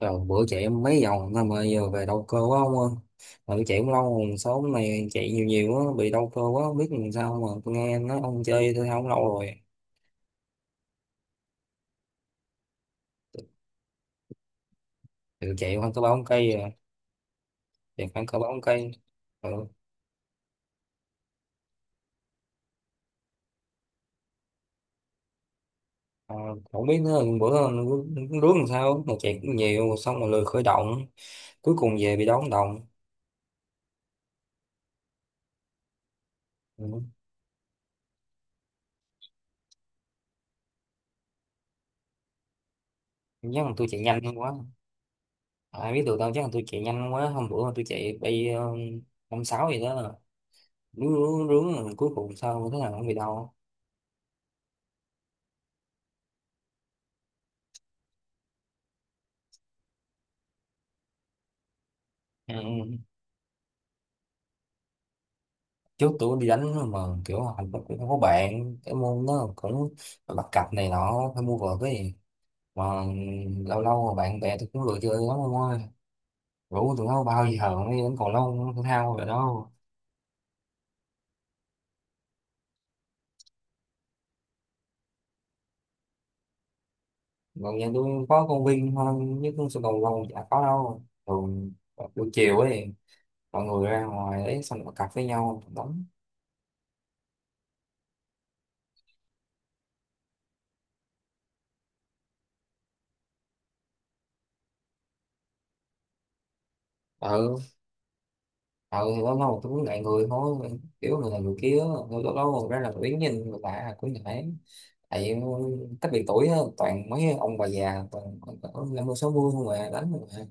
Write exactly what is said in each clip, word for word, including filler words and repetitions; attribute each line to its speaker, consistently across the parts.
Speaker 1: Rồi bữa chạy em mấy vòng thôi mà giờ về đau cơ quá ông ơi. Mà tôi chạy cũng lâu rồi, số hôm nay chạy nhiều nhiều quá, bị đau cơ quá, không biết làm sao mà tôi nghe nói ông chơi thể thao cũng lâu rồi. Thì tôi chạy khoảng cỡ ba bốn cây rồi, chạy khoảng cỡ ba bốn cây. Ừ. À, không biết nữa, bữa rước làm sao, mà chạy cũng nhiều, xong rồi lười khởi động, cuối cùng về bị đau ống đồng. Ừ. Chắc là tôi chạy nhanh quá. À, ai biết được đâu, chắc là tôi chạy nhanh quá, hôm bữa tôi chạy bay ờ, năm sáu gì đó, rướng rướng rướng, rồi cuối cùng sao thế nào không bị đau. Ừ. Ừ. Trước tôi đi đánh mà kiểu hành cũng không có bạn, cái môn nó cũng bắt cặp này nọ phải mua vợt cái gì mà. Lâu lâu mà bạn bè tôi cũng lười chơi lắm ông ơi, rủ tụi nó bao giờ mới đến cầu lông thể thao rồi đâu. Còn nhà tôi có công viên thôi chứ không, sân cầu lông chả có đâu, thường buổi chiều ấy mọi người ra ngoài đấy xong bắt cặp với nhau đánh. Ừ. Ừ, thì lâu lâu tôi cũng ngại người thôi, kiểu người này người kia, lâu lâu lâu ra là tôi đứng nhìn người lạ cũng ngại, tại cách biệt tuổi á, toàn mấy ông bà già, toàn toàn năm mươi sáu mươi không à, đánh không à,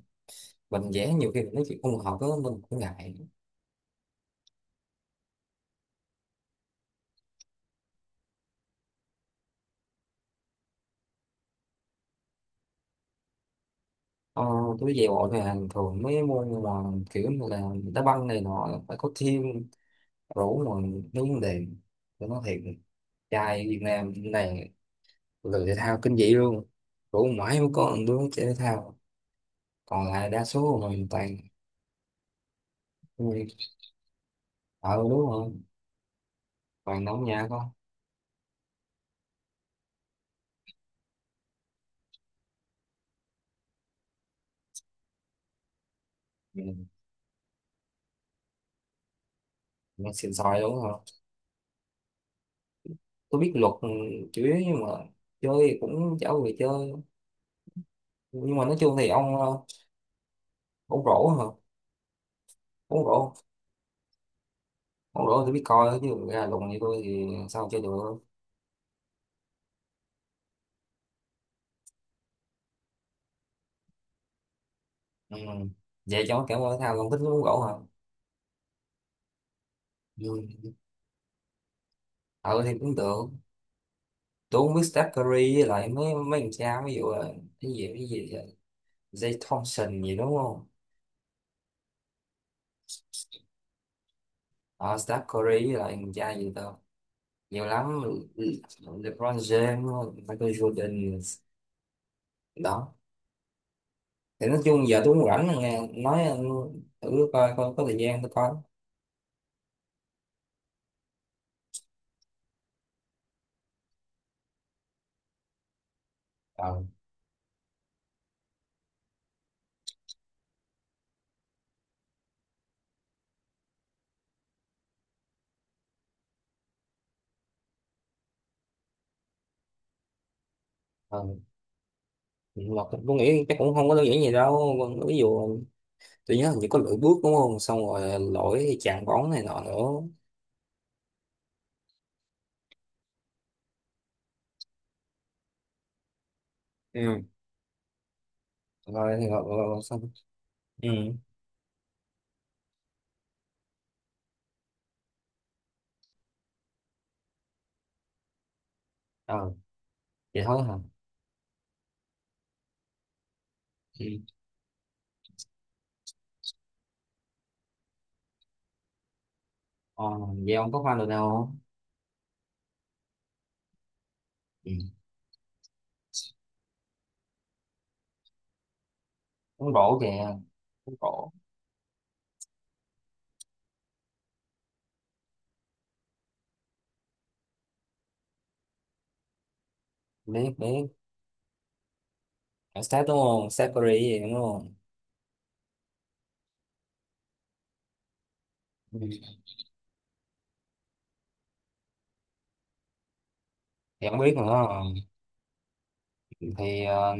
Speaker 1: mình vẽ, nhiều khi mình nói chuyện không hợp á, mình cũng ngại. ờ, tôi về bộ thì là thường mấy môn mà kiểu như là đá banh này nọ phải có team rủ mà, mấy vấn đề tôi nói thiệt, trai Việt Nam này lười thể thao kinh dị luôn, rủ mãi mới có một đứa chơi thể thao, còn lại đa số mình toàn. Ui, ờ đúng rồi, toàn đóng nhà con. Ừ. Nghe xịn sòi đúng rồi. Tôi biết luật, ừ, chủ yếu, nhưng mà chơi thì cũng chả người chơi, nhưng mà nói chung thì ông. ờ, ông rổ hả? Ông rổ, ông rổ tôi biết coi chứ ra lùn như tôi thì sao chơi được. Ừ. Vậy cho cảm ơn thao, không thích uống rổ hả? Ừ. Ờ thì cũng được, tôi không biết Steph Curry với lại mấy mấy thằng cha, ví dụ là cái gì cái gì Zay Thompson gì đúng không? ờ Steph Curry với lại thằng cha gì ta, nhiều lắm, LeBron James, Michael Jordan đó, thì nói chung giờ tôi cũng rảnh rồi nghe nói, ừ, thử coi coi có thời gian tôi coi. ờ ờ mà tôi nghĩ chắc cũng không có đơn giản gì đâu, ví dụ tôi nhớ hình như có lỗi bước đúng không, xong rồi lỗi chạm bóng này nọ nữa. Ừ. Rồi thì rồi, rồi, rồi xong. Ừ. ờ Vậy thôi hả? Ừ. ờ Vậy ông có fan được nào không? Ừ. Bóng rổ kìa, bóng rổ. Biết biết. Ở Steph đúng không, Steph Curry gì đúng không? Ừ. Thì không biết nữa, thì ờ,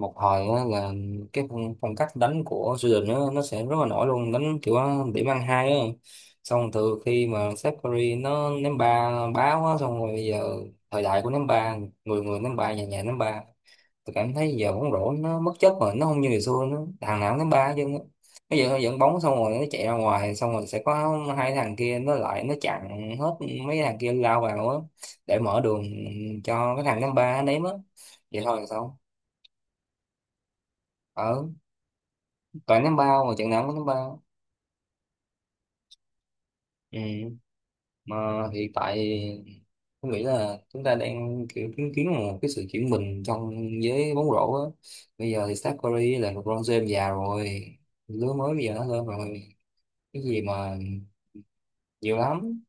Speaker 1: một hồi á là cái phong, phong cách đánh của Sweden, nó nó sẽ rất là nổi luôn, đánh kiểu ờ, điểm ăn hai á, xong từ khi mà Seth Curry nó ném ba báo á, xong rồi bây giờ thời đại của ném ba, người người ném ba, nhà nhà ném ba. Tôi cảm thấy giờ bóng rổ nó bất chấp rồi, nó không như ngày xưa nữa, thằng nào cũng đánh ba chứ. Bây giờ nó dẫn bóng xong rồi nó chạy ra ngoài, xong rồi sẽ có hai thằng kia nó lại nó chặn hết, mấy thằng kia lao vào á để mở đường cho cái thằng ném ba nó ném á. Vậy thôi là sao? Ở, toàn ném ba mà trận nào cũng ném ba. Ừ. Mà hiện tại tôi nghĩ là chúng ta đang kiểu chứng kiến một cái sự chuyển mình trong giới bóng rổ á, bây giờ thì Steph Curry là LeBron James già rồi, lứa mới bây giờ nó lên rồi, cái gì mà nhiều lắm.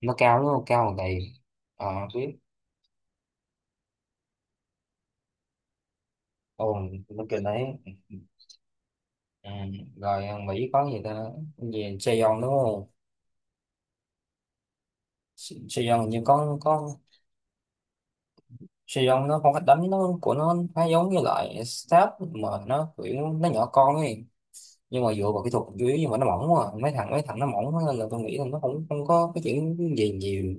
Speaker 1: Nó cao đúng không, cao bằng đầy. Ờ. Biết. Ồ. Nó kêu đấy. Ừ. Rồi ờ, Mỹ có gì ta? Cái gì Saigon đúng không? Sa- Saigon hình như có có. Saigon nó không, cách đánh nó của nó khá giống như loại Stab mà nó kiểu nó nhỏ con ấy, nhưng mà dựa vào kỹ thuật dưới, nhưng mà nó mỏng quá à. mấy thằng mấy thằng nó mỏng quá nên là tôi nghĩ là nó không không có cái chuyện gì nhiều.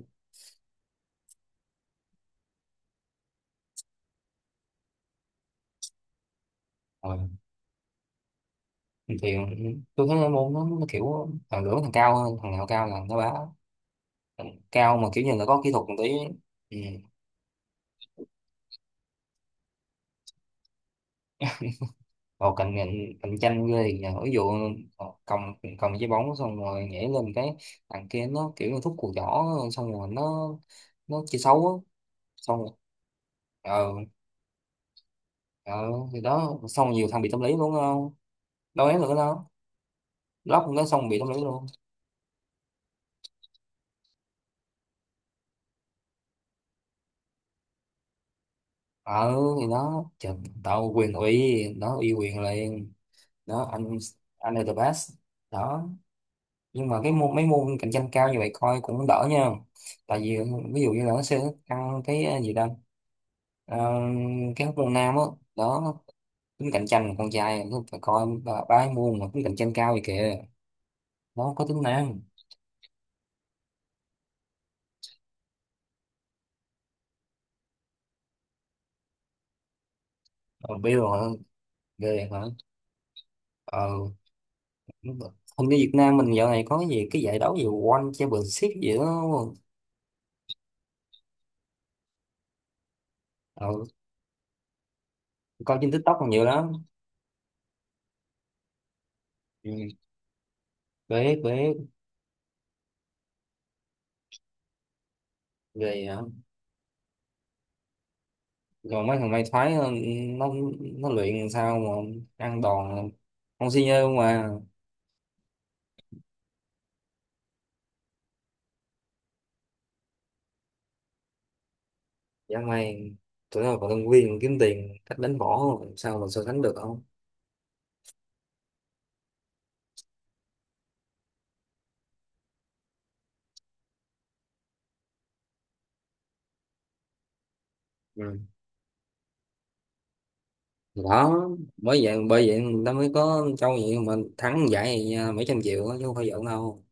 Speaker 1: Ờ, thì ừ, tôi thấy môn nó, nó kiểu thằng lưỡng, thằng cao hơn thằng nào cao là nó bá, cao mà kiểu như là có kỹ thuật một tí. Ừ. Vào cạnh cạnh cạnh tranh ghê thì nhờ, ví dụ ờ, cầm cầm trái bóng xong rồi nhảy lên cái, thằng kia nó kiểu như thúc cùi chỏ xong rồi nó nó chơi xấu á, xong rồi- ờ ờ thì đó, xong rồi nhiều thằng bị tâm lý luôn, không đâu ấy nữa đâu, lóc nó xong bị tâm lý luôn. ờ thì đó trời, tao quyền ủy nó uy quyền liền, đó anh anh là the best đó, nhưng mà cái môn mấy môn cạnh tranh cao như vậy coi cũng đỡ nha, tại vì ví dụ như là nó sẽ tăng cái ờ, gì đâu. Ờ, cái hóc môn nam á đó, tính cạnh tranh con trai nó phải coi, ba ba cái môn mà tính cạnh tranh cao vậy kìa, nó có tính nam. ờ, Bill hả? Ghê vậy hả? Ờ đúng rồi. Hình như Việt Nam mình dạo này có cái gì cái giải đấu gì One Championship gì đó đúng không? ờ, Coi trên TikTok còn nhiều lắm. Ừ, bế bế ghê. Còn mấy thằng may thoái, nó nó, nó luyện sao mà ăn đòn không si nhơ mà, dã man, tụi nó còn tân viên kiếm tiền cách đánh võ mà sao mà so sánh được không? Ừ. Thì đó, bởi vậy bởi vậy người ta mới có trâu vậy mà thắng giải vậy nha, mấy trăm triệu á, chứ không phải giỡn đâu.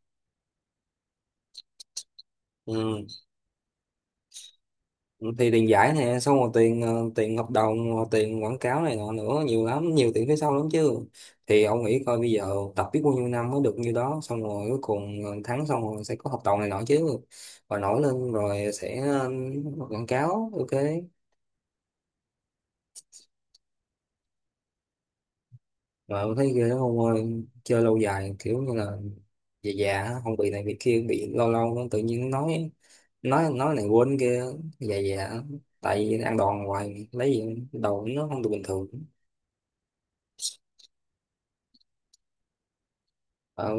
Speaker 1: Ừ. Thì tiền giải nè xong rồi tiền ờ, tiền hợp đồng, rồi tiền quảng cáo này nọ nữa, nhiều lắm, nhiều tiền phía sau lắm chứ. Thì ông nghĩ coi bây giờ tập biết bao nhiêu năm mới được nhiêu đó, xong rồi cuối cùng ờ, tháng, xong rồi sẽ có hợp đồng này nọ chứ, và nổi lên rồi sẽ ờ, quảng cáo ok. Mà tôi thấy ghê lắm ông ơi, chơi lâu dài kiểu như là già già á, không bị này bị kia, bị lâu lâu nó tự nhiên nói nói nói này quên kia, già già, tại vì ăn đòn hoài lấy gì đâu nó không được bình thường. Ờ,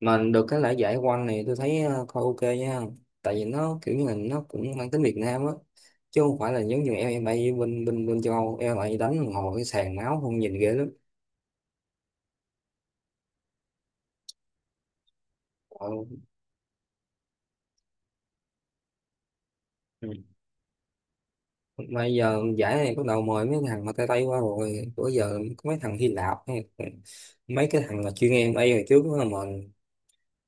Speaker 1: mà được cái lễ giải quanh này tôi thấy ờ, coi ok nha, tại vì nó kiểu như là nó cũng mang tính Việt Nam á, chứ không phải là giống như em em bay bên bên bên châu Âu em em a đánh ngồi cái sàn máu không nhìn ghê lắm. Ờ. Ừ. Mà giờ giải này bắt đầu mời mấy thằng mà tay tay qua, rồi bữa giờ có mấy thằng Hy Lạp hay mấy cái thằng mà chuyên em bay hồi trước á, mà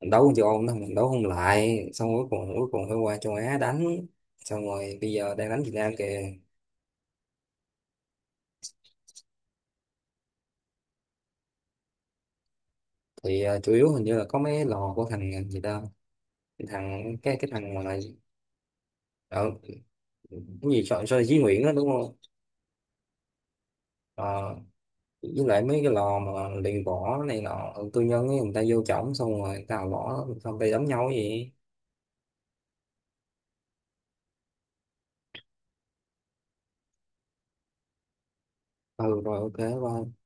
Speaker 1: mình đấu con châu Âu nó mình đấu không lại, xong cuối cùng cuối cùng phải qua châu Á đánh, xong rồi bây giờ đang đánh Việt Nam kìa. Thì à, chủ yếu hình như là có mấy lò của thằng à, gì ta, cái thằng cái cái thằng mà ở cái gì cho cho Duy Nguyễn đó đúng không? Ờ, với lại mấy cái lò mà luyện võ này nọ tư nhân ấy, người ta vô trỏng xong rồi người ta đào võ xong tay ta đấm nhau cái gì. Ừ rồi, ok, bye.